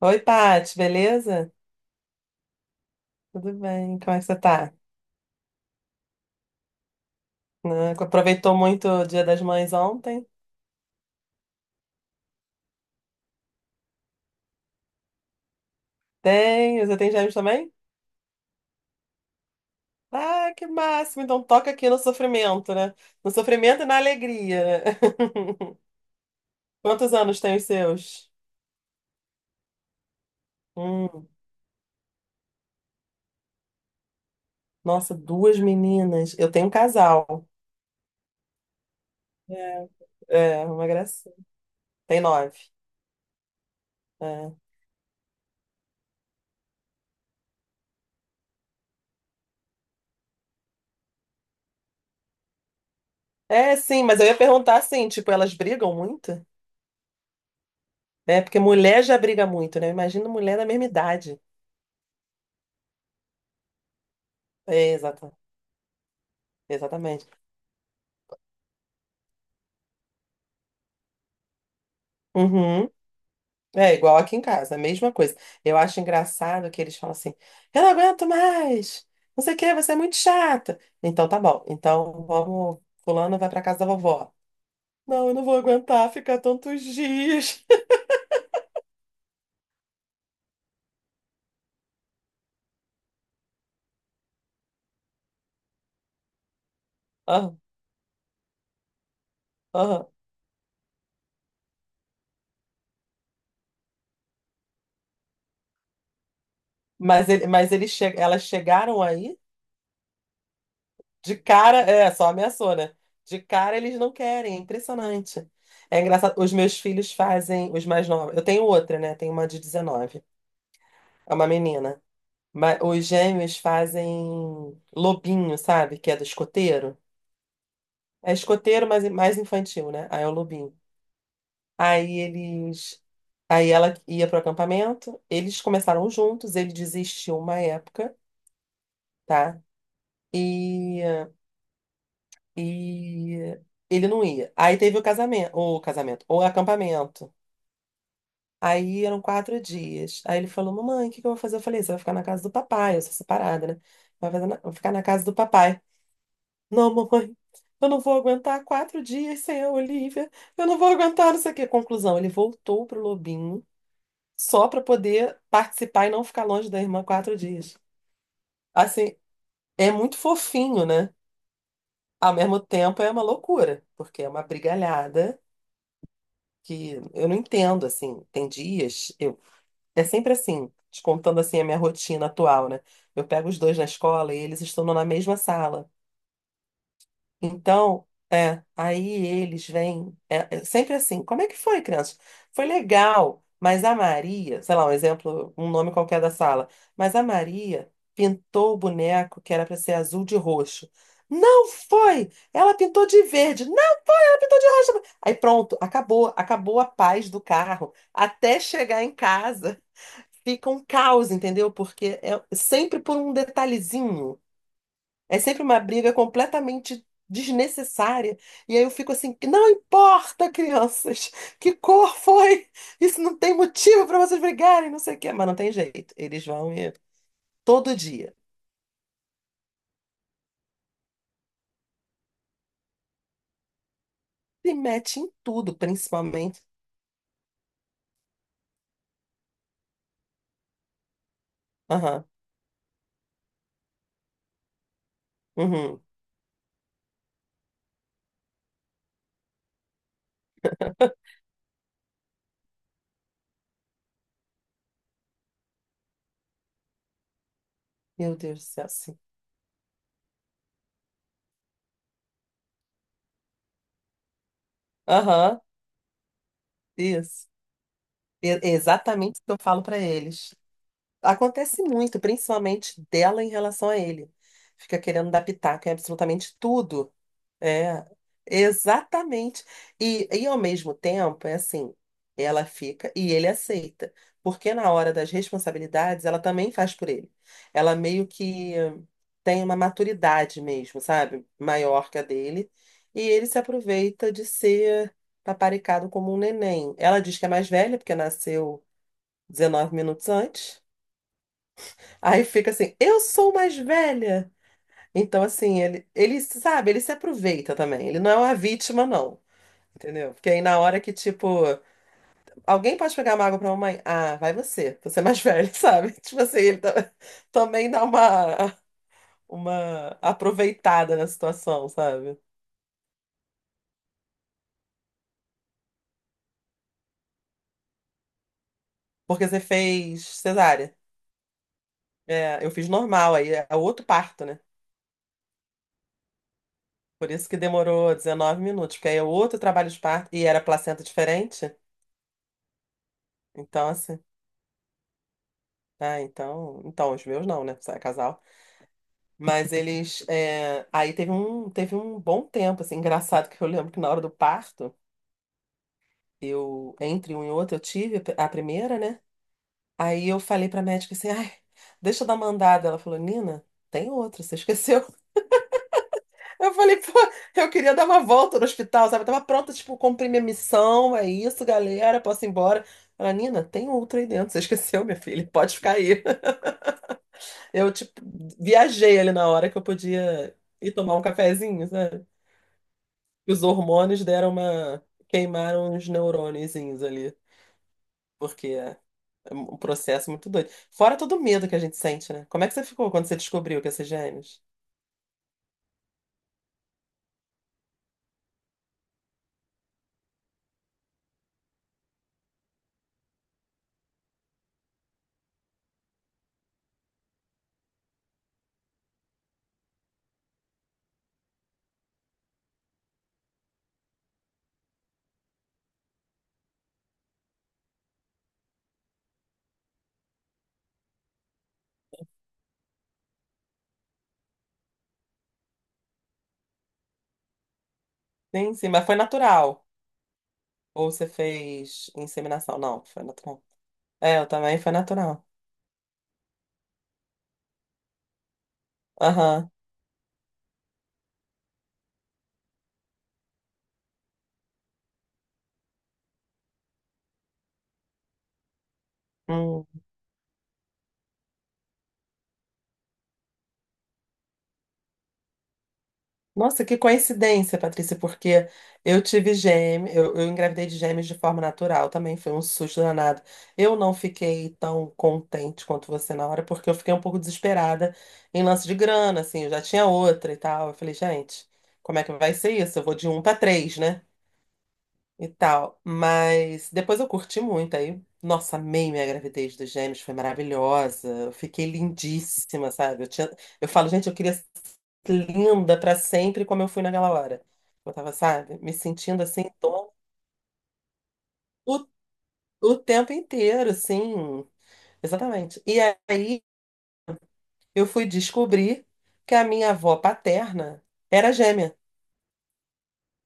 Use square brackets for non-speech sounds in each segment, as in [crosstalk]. Oi, Paty, beleza? Tudo bem? Como é que você tá? Né, aproveitou muito o Dia das Mães ontem? Tem, você tem gêmeos também? Ah, que máximo! Então toca aqui no sofrimento, né? No sofrimento e na alegria, né? [laughs] Quantos anos tem os seus? Hum, nossa, duas meninas. Eu tenho um casal. É, é uma gracinha. Tem nove. É. É, sim, mas eu ia perguntar assim, tipo, elas brigam muito? É, porque mulher já briga muito, né? Imagina mulher da mesma idade. É, exatamente. Exatamente. Uhum. É igual aqui em casa, a mesma coisa. Eu acho engraçado que eles falam assim: eu não aguento mais, não sei o que, você é muito chata. Então tá bom, então vamos, fulano vai pra casa da vovó. Não, eu não vou aguentar ficar tantos dias. [laughs] Aham, aham. Mas, ele, mas eles che elas chegaram aí, de cara, é, só ameaçou, né? De cara eles não querem, é impressionante. É engraçado, os meus filhos fazem, os mais novos. Eu tenho outra, né? Tenho uma de 19, é uma menina. Mas os gêmeos fazem lobinho, sabe? Que é do escoteiro. É escoteiro, mas é mais infantil, né? Aí é o lobinho. Aí eles. Aí ela ia pro acampamento, eles começaram juntos, ele desistiu uma época, tá? E, e ele não ia. Aí teve o casamento, o casamento, o acampamento. Aí eram 4 dias. Aí ele falou: Mamãe, o que que eu vou fazer? Eu falei: Você vai ficar na casa do papai, eu sou separada, né? Vai fazer na- vai ficar na casa do papai. Não, mamãe, eu não vou aguentar 4 dias sem a Olivia. Eu não vou aguentar não sei o quê. Conclusão, ele voltou pro Lobinho só para poder participar e não ficar longe da irmã 4 dias. Assim, é muito fofinho, né? Ao mesmo tempo é uma loucura, porque é uma brigalhada que eu não entendo, assim. Tem dias, eu é sempre assim, te contando assim a minha rotina atual, né? Eu pego os dois na escola e eles estão na mesma sala. Então, é, aí eles vêm, é, é sempre assim, como é que foi, crianças? Foi legal, mas a Maria, sei lá, um exemplo, um nome qualquer da sala, mas a Maria pintou o boneco que era para ser azul de roxo. Não foi! Ela pintou de verde, não, ela pintou de roxo. Aí pronto, acabou, acabou a paz do carro. Até chegar em casa, fica um caos, entendeu? Porque é sempre por um detalhezinho. É sempre uma briga completamente desnecessária. E aí eu fico assim, que não importa, crianças, que cor foi? Isso não tem motivo para vocês brigarem, não sei o quê. Mas não tem jeito. Eles vão e todo dia. Se mete em tudo, principalmente. Aham. Uhum. Meu Deus do céu, sim. Aham. Isso. Exatamente o que eu falo para eles. Acontece muito, principalmente dela em relação a ele. Fica querendo dar pitaco em absolutamente tudo. É, exatamente. E ao mesmo tempo, é assim, ela fica e ele aceita. Porque na hora das responsabilidades, ela também faz por ele. Ela meio que tem uma maturidade mesmo, sabe? Maior que a dele. E ele se aproveita de ser paparicado como um neném. Ela diz que é mais velha, porque nasceu 19 minutos antes. Aí fica assim, eu sou mais velha. Então, assim, ele sabe, ele se aproveita também. Ele não é uma vítima, não. Entendeu? Porque aí na hora que, tipo, alguém pode pegar uma água pra mamãe? Ah, vai você. Você é mais velho, [laughs] sabe? Tipo assim, também dá uma aproveitada na situação, sabe? Porque você fez cesárea. É, eu fiz normal, aí é outro parto, né? Por isso que demorou 19 minutos, porque aí é outro trabalho de parto e era placenta diferente. Então, assim, ah, então, os meus não, né? Só é casal. Mas eles, é, aí teve um bom tempo, assim, engraçado que eu lembro que na hora do parto, eu, entre um e outro, eu tive a primeira, né? Aí eu falei pra médica assim, ai, deixa eu dar uma andada. Ela falou, Nina, tem outra, você esqueceu. [laughs] Eu falei, pô, eu queria dar uma volta no hospital, sabe? Eu tava pronta, tipo, cumprir minha missão, é isso, galera, posso ir embora. Ela, Nina, tem outra aí dentro, você esqueceu, minha filha, pode ficar aí. [laughs] Eu, tipo, viajei ali na hora que eu podia ir tomar um cafezinho, sabe? Os hormônios deram uma... queimaram os neurôniozinhos ali, porque... é um processo muito doido. Fora todo o medo que a gente sente, né? Como é que você ficou quando você descobriu que ia ser gêmeos? Sim, sim, mas foi natural. Ou você fez inseminação? Não, foi natural. É, eu também foi natural. Aham. Hum. Nossa, que coincidência, Patrícia, porque eu tive gêmeos, eu engravidei de gêmeos de forma natural também, foi um susto danado. Eu não fiquei tão contente quanto você na hora, porque eu fiquei um pouco desesperada em lance de grana, assim, eu já tinha outra e tal. Eu falei, gente, como é que vai ser isso? Eu vou de um para três, né? E tal. Mas depois eu curti muito aí. Nossa, amei minha gravidez dos gêmeos, foi maravilhosa. Eu fiquei lindíssima, sabe? Eu tinha, eu falo, gente, eu queria ser linda pra sempre como eu fui naquela hora. Eu tava, sabe, me sentindo assim, tom, o, o tempo inteiro, assim. Exatamente. E aí eu fui descobrir que a minha avó paterna era gêmea.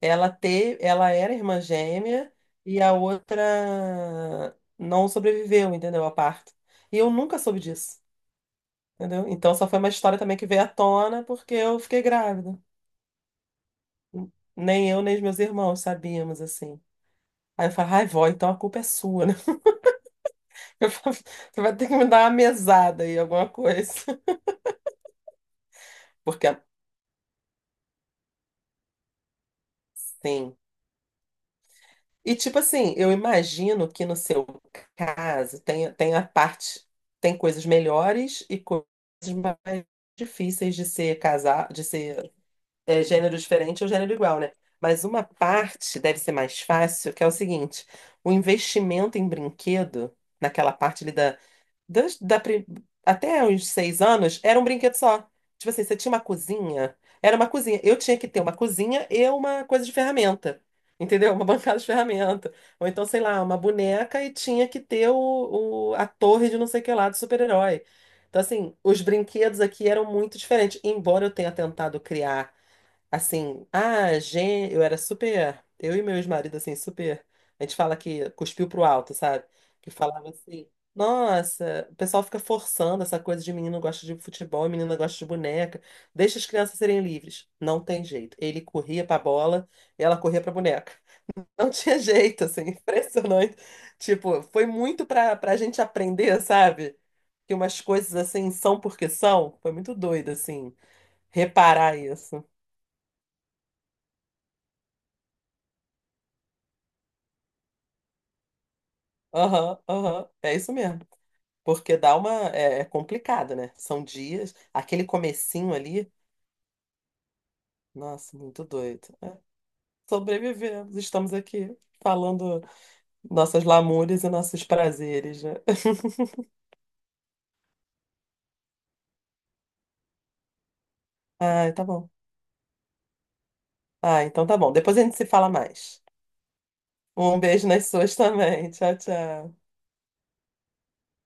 Ela teve, ela era irmã gêmea e a outra não sobreviveu, entendeu? A parto. E eu nunca soube disso, entendeu? Então só foi uma história também que veio à tona porque eu fiquei grávida. Nem eu, nem os meus irmãos sabíamos, assim. Aí eu falei, ai, vó, então a culpa é sua, né? [laughs] Eu falava, você vai ter que me dar uma mesada aí, alguma coisa. [laughs] Porque, sim. E tipo assim, eu imagino que no seu caso tem, tem a parte, tem coisas melhores e coisas mais difíceis de ser casar, de ser é, gênero diferente ou gênero igual, né? Mas uma parte deve ser mais fácil, que é o seguinte, o investimento em brinquedo, naquela parte ali da das- da pri- até uns 6 anos, era um brinquedo só. Tipo assim, você tinha uma cozinha, era uma cozinha. Eu tinha que ter uma cozinha e uma coisa de ferramenta, entendeu? Uma [laughs] bancada de ferramenta. Ou então, sei lá, uma boneca e tinha que ter o, a torre de não sei o que lá, do super-herói. Então, assim, os brinquedos aqui eram muito diferentes. Embora eu tenha tentado criar assim, ah, gente, eu era super. Eu e meu ex-marido, assim, super. A gente fala que cuspiu pro alto, sabe? Que falava assim: nossa, o pessoal fica forçando essa coisa de menino gosta de futebol e menina gosta de boneca. Deixa as crianças serem livres. Não tem jeito. Ele corria pra bola e ela corria pra boneca. [laughs] Não tinha jeito, assim, [laughs] impressionante. Tipo, foi muito pra gente aprender, sabe? Que umas coisas assim são porque são. Foi muito doido, assim, reparar isso. Aham, aham, é isso mesmo. Porque dá uma. É, é complicado, né? São dias. Aquele comecinho ali. Nossa, muito doido. É, sobrevivemos, estamos aqui falando nossas lamúrias e nossos prazeres, né? [laughs] Ah, tá bom. Ah, então tá bom. Depois a gente se fala mais. Um beijo nas suas também. Tchau, tchau.